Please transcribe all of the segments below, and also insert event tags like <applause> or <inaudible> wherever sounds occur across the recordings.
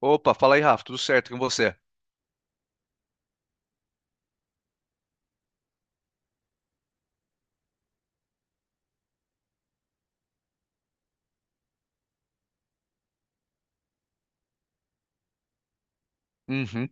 Opa, fala aí, Rafa, tudo certo com você? Uhum,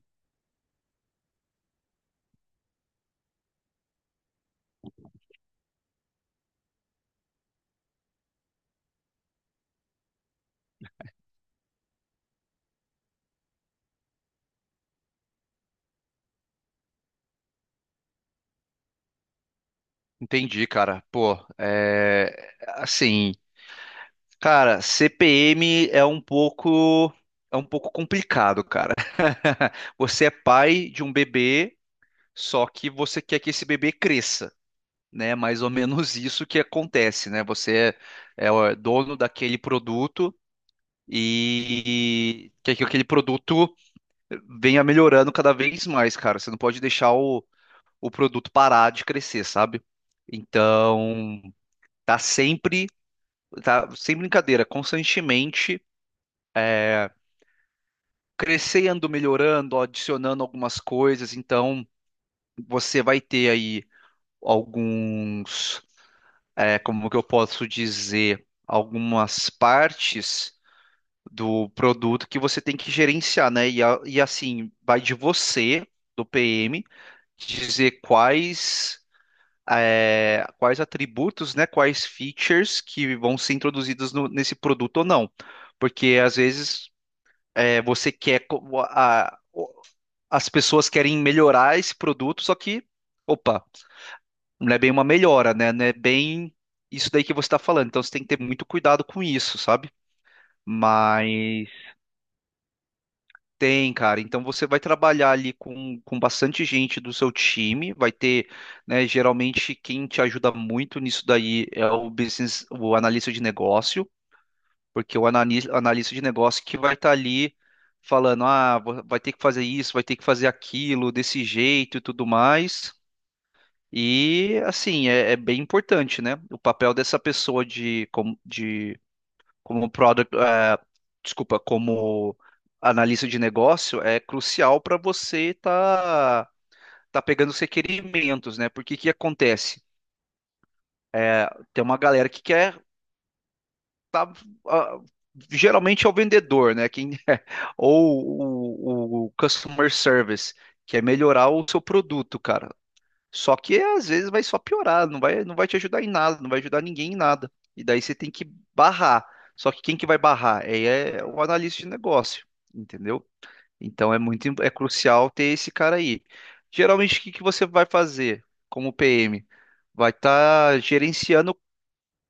entendi, cara. Pô, é assim, cara, CPM é um pouco complicado, cara. <laughs> Você é pai de um bebê, só que você quer que esse bebê cresça, né? Mais ou menos isso que acontece, né? Você é, é o é dono daquele produto e quer que aquele produto venha melhorando cada vez mais, cara. Você não pode deixar o produto parar de crescer, sabe? Então, tá sempre, tá sem brincadeira, constantemente é, crescendo, melhorando, adicionando algumas coisas. Então, você vai ter aí alguns, como que eu posso dizer, algumas partes do produto que você tem que gerenciar, né? E, e assim, vai de você, do PM, dizer quais. Quais atributos, né, quais features que vão ser introduzidos nesse produto ou não. Porque às vezes você quer, as pessoas querem melhorar esse produto, só que, opa, não é bem uma melhora, né? Não é bem isso daí que você está falando. Então você tem que ter muito cuidado com isso, sabe? Mas tem, cara. Então você vai trabalhar ali com bastante gente do seu time. Vai ter, né, geralmente quem te ajuda muito nisso daí é o business, o analista de negócio, porque o analista de negócio que vai estar ali falando, ah, vai ter que fazer isso, vai ter que fazer aquilo, desse jeito e tudo mais. E assim, é, é bem importante, né? O papel dessa pessoa de como product, desculpa, como analista de negócio é crucial para você tá pegando os requerimentos, né? Porque que acontece? É, tem uma galera que quer tá, ah, geralmente é o vendedor, né? Quem <laughs> ou o customer service, que é melhorar o seu produto, cara. Só que às vezes vai só piorar, não vai te ajudar em nada, não vai ajudar ninguém em nada. E daí você tem que barrar. Só que quem que vai barrar? É o analista de negócio, entendeu? Então é muito, é crucial ter esse cara aí. Geralmente o que que você vai fazer como PM? Vai estar gerenciando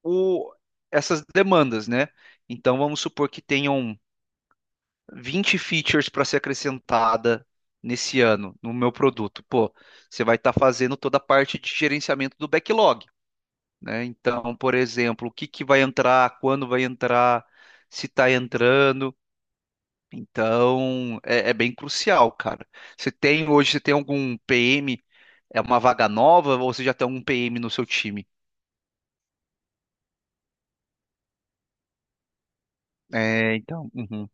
o, essas demandas, né? Então vamos supor que tenham 20 features para ser acrescentada nesse ano no meu produto. Pô, você vai estar fazendo toda a parte de gerenciamento do backlog, né? Então, por exemplo, o que que vai entrar, quando vai entrar, se está entrando. Então, é, é bem crucial, cara. Você tem hoje, você tem algum PM? É uma vaga nova ou você já tem algum PM no seu time? É, então. Uhum.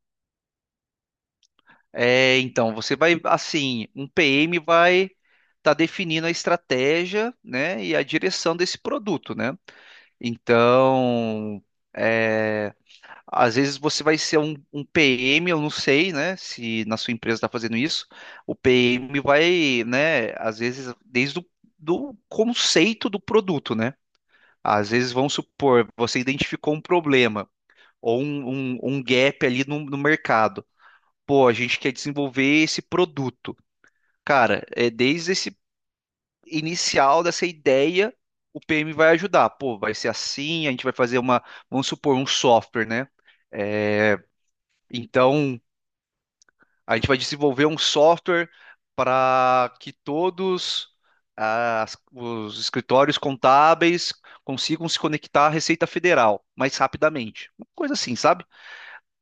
É, então, você vai, assim, um PM vai estar definindo a estratégia, né, e a direção desse produto, né? Então, é, às vezes você vai ser um PM, eu não sei, né, se na sua empresa está fazendo isso, o PM vai, né, às vezes, desde o do conceito do produto, né? Às vezes, vamos supor, você identificou um problema ou um gap ali no mercado. Pô, a gente quer desenvolver esse produto. Cara, é desde esse inicial dessa ideia, o PM vai ajudar. Pô, vai ser assim, a gente vai fazer uma, vamos supor, um software, né? É, então, a gente vai desenvolver um software para que todos os escritórios contábeis consigam se conectar à Receita Federal mais rapidamente. Uma coisa assim, sabe?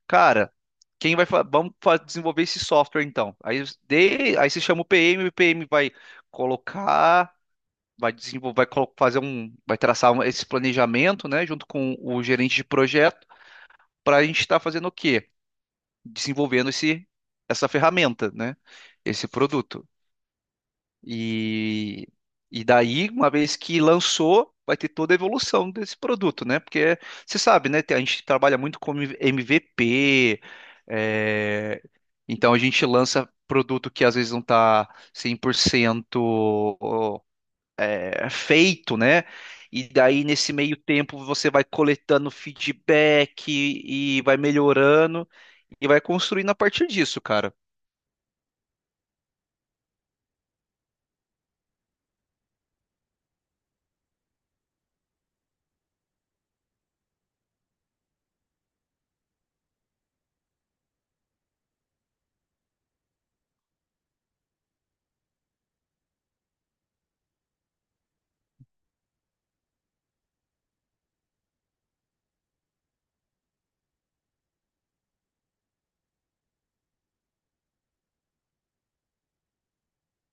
Cara, quem vai fa- vamos fa- desenvolver esse software então? Aí, aí você chama o PM, o PM vai colocar vai desenvolver, vai traçar esse planejamento, né, junto com o gerente de projeto, para a gente estar fazendo o quê? Desenvolvendo essa ferramenta, né, esse produto. E, e daí, uma vez que lançou, vai ter toda a evolução desse produto, né, porque você sabe, né, a gente trabalha muito com MVP, é, então a gente lança produto que às vezes não está 100% feito, né? E daí, nesse meio tempo, você vai coletando feedback e vai melhorando e vai construindo a partir disso, cara.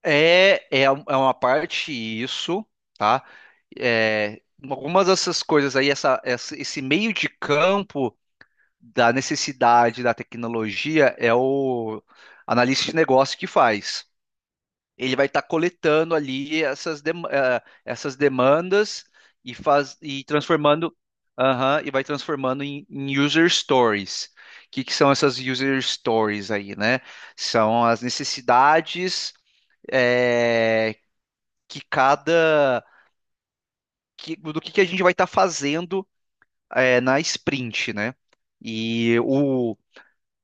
É uma parte isso, tá? É, algumas dessas coisas aí, esse meio de campo da necessidade da tecnologia é o analista de negócio que faz. Ele vai estar coletando ali essas, essas demandas e transformando aham, e vai transformando em user stories. O que, que são essas user stories aí, né? São as necessidades eh, que cada que a gente vai estar fazendo na sprint, né? E o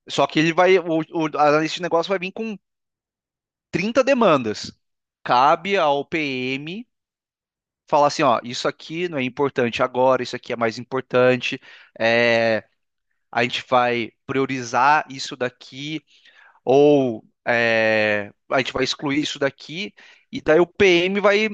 Só que ele vai o analista de negócio vai vir com 30 demandas. Cabe ao PM falar assim, ó, isso aqui não é importante agora, isso aqui é mais importante, é, a gente vai priorizar isso daqui, ou é, a gente vai excluir isso daqui, e daí o PM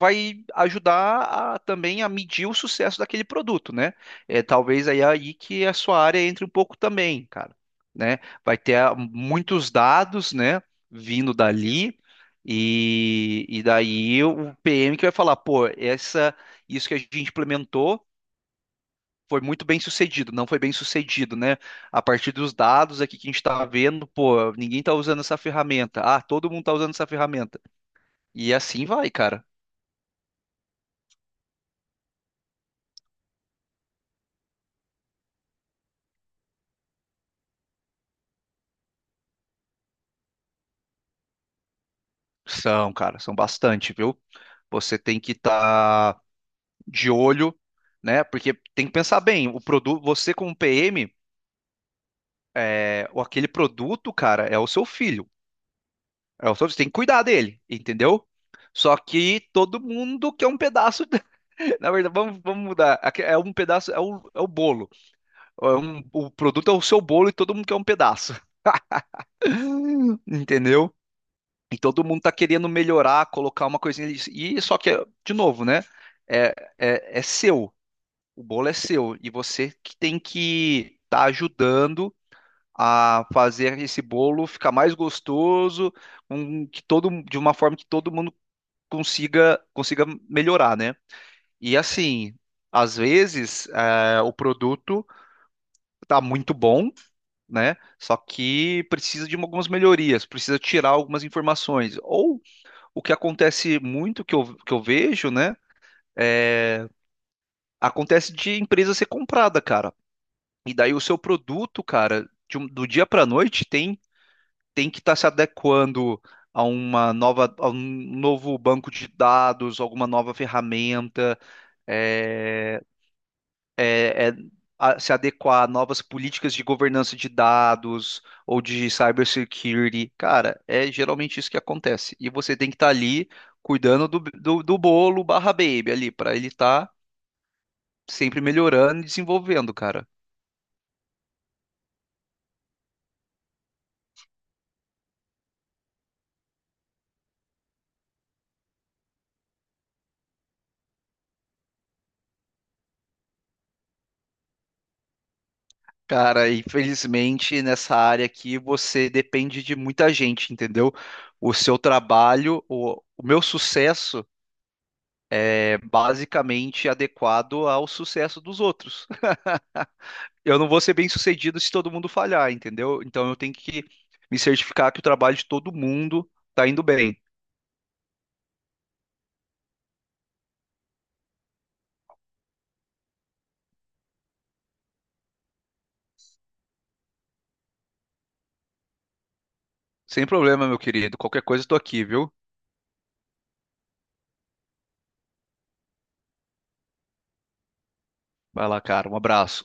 vai ajudar também a medir o sucesso daquele produto, né? É aí que a sua área entre um pouco também, cara, né? Vai ter ah, muitos dados, né, vindo dali e daí o PM que vai falar, pô, essa isso que a gente implementou foi muito bem sucedido, não foi bem sucedido, né? A partir dos dados aqui que a gente está vendo, pô, ninguém está usando essa ferramenta. Ah, todo mundo está usando essa ferramenta. E assim vai, cara. São, cara, são bastante, viu? Você tem que estar de olho, né? Porque tem que pensar bem, o produto, você como PM, aquele produto, cara, é o seu filho. É o seu, você tem que cuidar dele, entendeu? Só que todo mundo quer um pedaço. <laughs> Na verdade, vamos mudar. Aqui é um pedaço, é é o bolo. O produto é o seu bolo e todo mundo quer um pedaço. <laughs> Entendeu? E todo mundo tá querendo melhorar, colocar uma coisinha ali. E só que, de novo, né? É, é seu. O bolo é seu e você que tem que estar ajudando a fazer esse bolo ficar mais gostoso, de uma forma que todo mundo consiga melhorar, né? E assim, às vezes o produto tá muito bom, né? Só que precisa de algumas melhorias, precisa tirar algumas informações. Ou o que acontece muito que que eu vejo, né? É, acontece de empresa ser comprada, cara. E daí o seu produto, cara, do dia para noite tem que estar se adequando a uma nova, a um novo banco de dados, alguma nova ferramenta, é, é se adequar a novas políticas de governança de dados ou de cybersecurity. Cara, é geralmente isso que acontece. E você tem que estar ali cuidando do bolo barra baby ali, para ele estar sempre melhorando e desenvolvendo, cara. Cara, infelizmente nessa área aqui você depende de muita gente, entendeu? O seu trabalho, o meu sucesso é basicamente adequado ao sucesso dos outros. <laughs> Eu não vou ser bem sucedido se todo mundo falhar, entendeu? Então eu tenho que me certificar que o trabalho de todo mundo tá indo bem. Sem problema, meu querido. Qualquer coisa eu tô aqui, viu? Vai lá, cara. Um abraço.